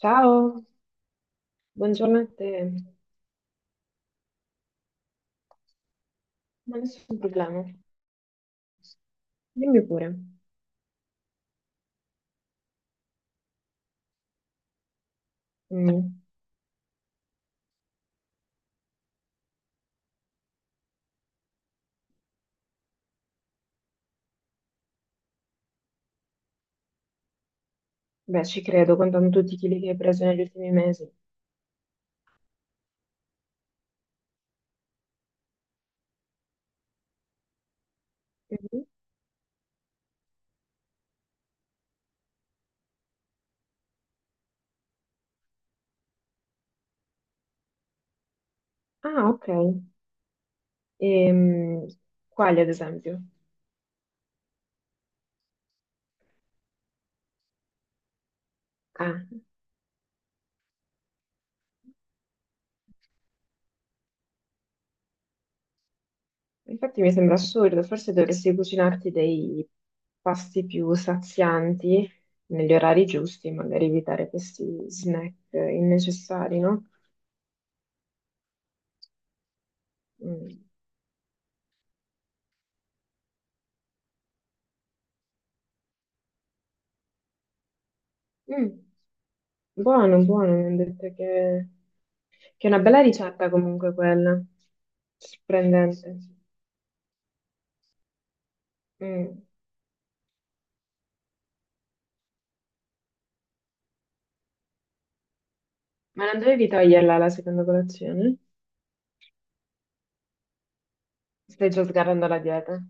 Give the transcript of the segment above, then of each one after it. Ciao, buongiorno a te. Ma nessun problema. Dimmi pure. Mm. Beh, ci credo, contando tutti i chili che hai preso negli ultimi mesi. Mhm. Ah, ok. Ehm, Quali, ad esempio? Ah, infatti mi sembra assurdo, forse dovresti cucinarti dei pasti più sazianti negli orari giusti, magari evitare questi snack innecessari, no? Mm. Mm, buono, buono, mi hanno detto che è una bella ricetta comunque quella, sorprendente. Mm. Ma non dovevi toglierla la seconda colazione? Stai già sgarrando la dieta.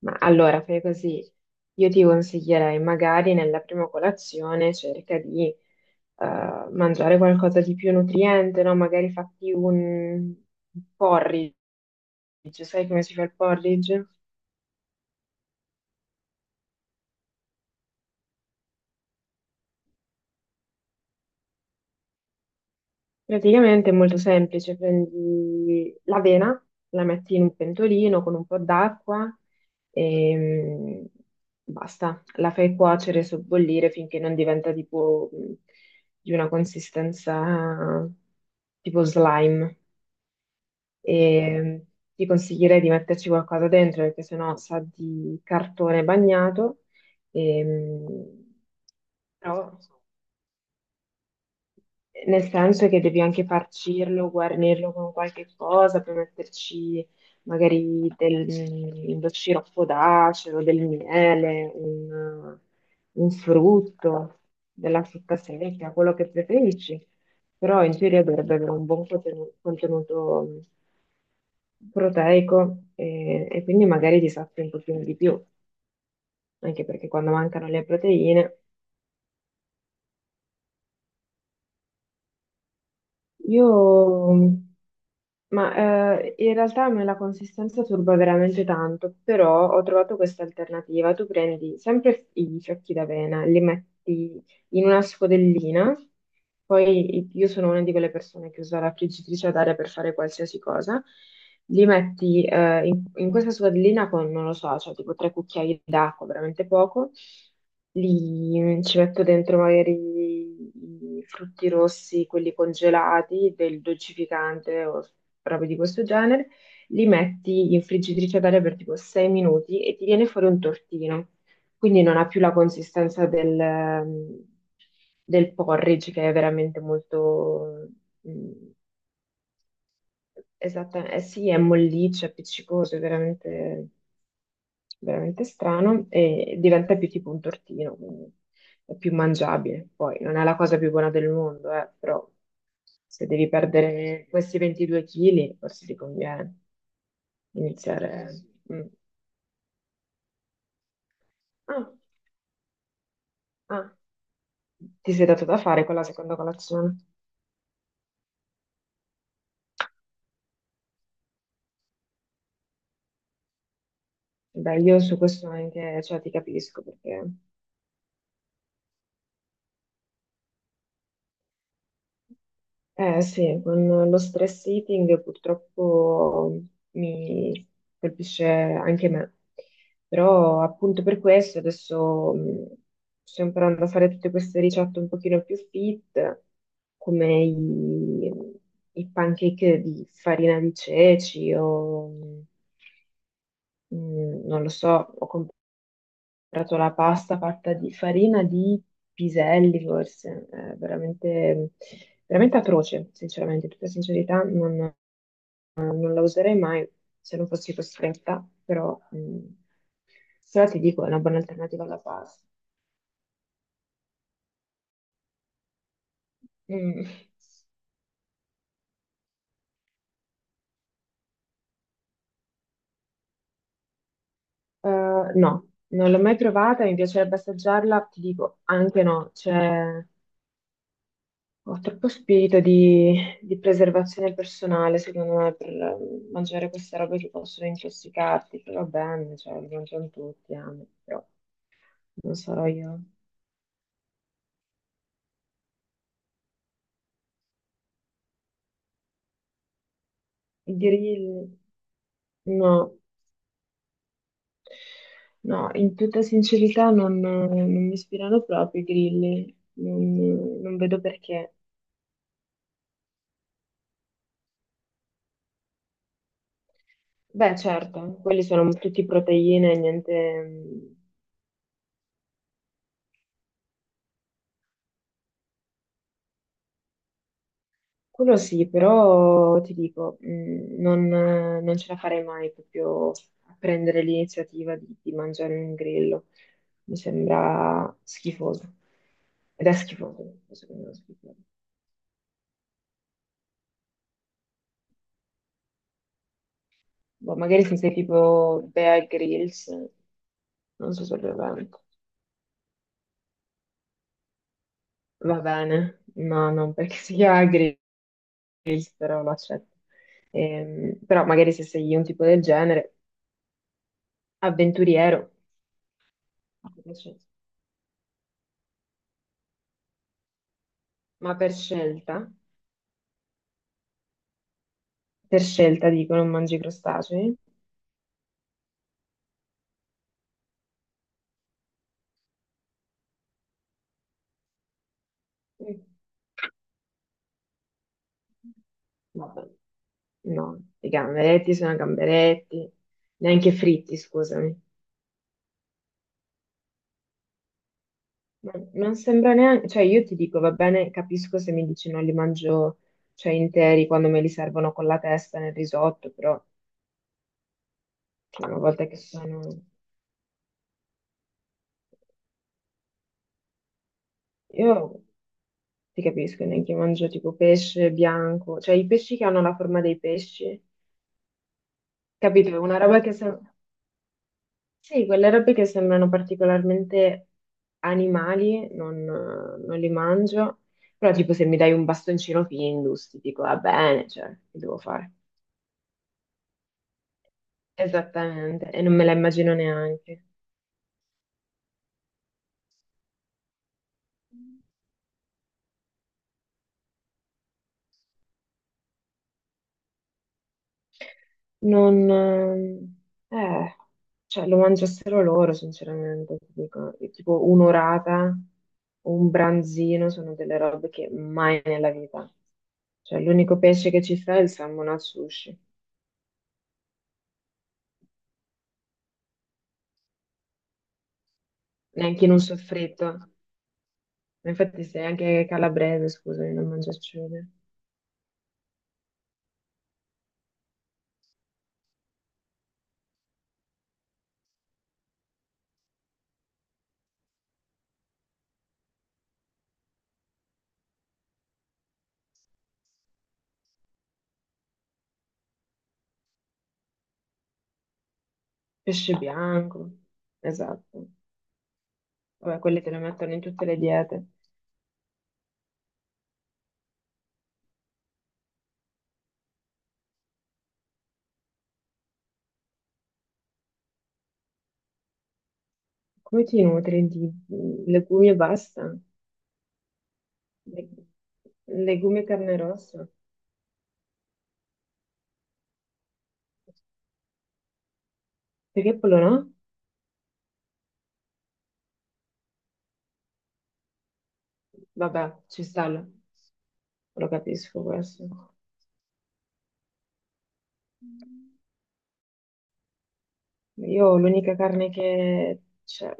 Ma allora fai così, io ti consiglierei magari nella prima colazione cerca di mangiare qualcosa di più nutriente, no? Magari fatti un porridge, sai come si fa il porridge? Praticamente è molto semplice, prendi l'avena, la metti in un pentolino con un po' d'acqua e basta, la fai cuocere, sobbollire finché non diventa tipo di una consistenza tipo slime. E ti consiglierei di metterci qualcosa dentro perché sennò sa di cartone bagnato. E, però... Nel senso che devi anche farcirlo, guarnirlo con qualche cosa per metterci magari del, mm, lo sciroppo d'acero, del miele, un frutto, della frutta secca, quello che preferisci. Però in teoria dovrebbe avere un buon contenuto, proteico e quindi magari ti sazi un pochino di più, anche perché quando mancano le proteine. Io ma in realtà a me la consistenza turba veramente tanto, però ho trovato questa alternativa. Tu prendi sempre i fiocchi d'avena, li metti in una scodellina, poi io sono una di quelle persone che usa la friggitrice ad aria per fare qualsiasi cosa, li metti in questa scodellina con, non lo so, cioè tipo tre cucchiai d'acqua, veramente poco, li, ci metto dentro magari i frutti rossi, quelli congelati, del dolcificante o robe di questo genere, li metti in friggitrice ad aria per tipo 6 minuti e ti viene fuori un tortino. Quindi non ha più la consistenza del, del porridge che è veramente molto, mm, esattamente, eh sì, è molliccio, è appiccicoso, è veramente, veramente strano e diventa più tipo un tortino, quindi è più mangiabile. Poi non è la cosa più buona del mondo, però se devi perdere questi 22 kg, forse ti conviene iniziare. Mm. Ah, ah, ti sei dato da fare con la seconda colazione? Beh, io su questo anche, cioè, ti capisco perché. Eh sì, con lo stress eating purtroppo mi colpisce anche me, però appunto per questo adesso sto imparando a fare tutte queste ricette un pochino più fit, come i pancake di farina di ceci o non lo so, ho comprato la pasta fatta di farina di piselli, forse, è veramente, veramente atroce, sinceramente, in tutta sincerità non, non la userei mai se non fossi costretta, però, mm, però ti dico, è una buona alternativa alla pasta. Mm. No, non l'ho mai provata, mi piacerebbe assaggiarla, ti dico, anche no, cioè, ho troppo spirito di preservazione personale, secondo me, per mangiare queste robe che possono intossicarti. Però va bene, cioè, li mangiano tutti, amo, però non sarò io. I grilli, no. No, in tutta sincerità non, non mi ispirano proprio i grilli, non, non vedo perché. Beh, certo, quelli sono tutti proteine, niente, quello sì, però ti dico, non, non ce la farei mai proprio a prendere l'iniziativa di mangiare un grillo. Mi sembra schifoso. Ed è schifoso, secondo me è schifoso. Boh, magari se sei tipo Bear Grylls, non so se lo prendo. Va bene, no, non perché si chiama Grills, però lo accetto. Però magari se sei un tipo del genere, avventuriero, ma per scelta, ma per scelta, per scelta dico, non mangi crostacei? Mm. Vabbè. No, i gamberetti sono gamberetti, neanche fritti, scusami. Ma non sembra neanche, cioè io ti dico, va bene, capisco se mi dici non li mangio, cioè interi quando me li servono con la testa nel risotto, però cioè, una volta che sono... Io ti capisco, neanche mangio tipo pesce bianco, cioè i pesci che hanno la forma dei pesci, capito? Una roba che sa... Sì, quelle robe che sembrano particolarmente animali, non, non li mangio, però tipo se mi dai un bastoncino Findus, ti dico va bene, cioè, che devo fare? Esattamente, e non me la immagino neanche. Non, eh, cioè lo mangiassero loro, sinceramente, ti dico, e tipo un'orata o un branzino sono delle robe che mai nella vita. Cioè l'unico pesce che ci sta è il salmone al sushi, neanche in un soffritto. Infatti sei anche calabrese, scusami, non mangia acciughe. Pesce bianco, esatto. Vabbè, quelli te le mettono in tutte le diete. Come ti nutri di legumi e basta? Le- legumi e carne rossa? Perché quello no? Vabbè, ci sta, lo capisco questo. Io l'unica carne che cioè,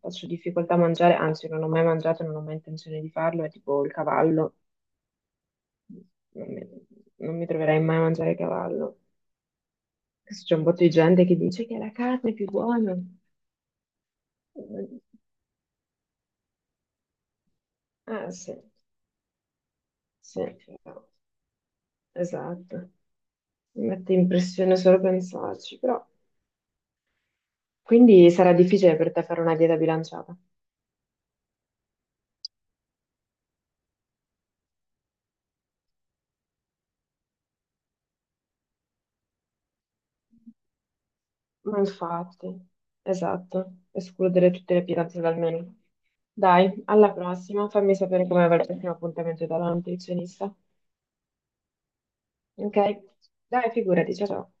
faccio difficoltà a mangiare, anzi non ho mai mangiato, non ho mai intenzione di farlo, è tipo il cavallo. Non mi, non mi troverai mai a mangiare cavallo. Adesso c'è un botto di gente che dice che la carne è più buona. Ah, sì, sì, esatto. Mi mette impressione solo pensarci, però. Quindi sarà difficile per te fare una dieta bilanciata. Ma infatti, esatto, escludere tutte le pietanze dal menù. Dai, alla prossima, fammi sapere come va il prossimo appuntamento dalla nutrizionista. Ok? Dai, figurati, ciao ciao.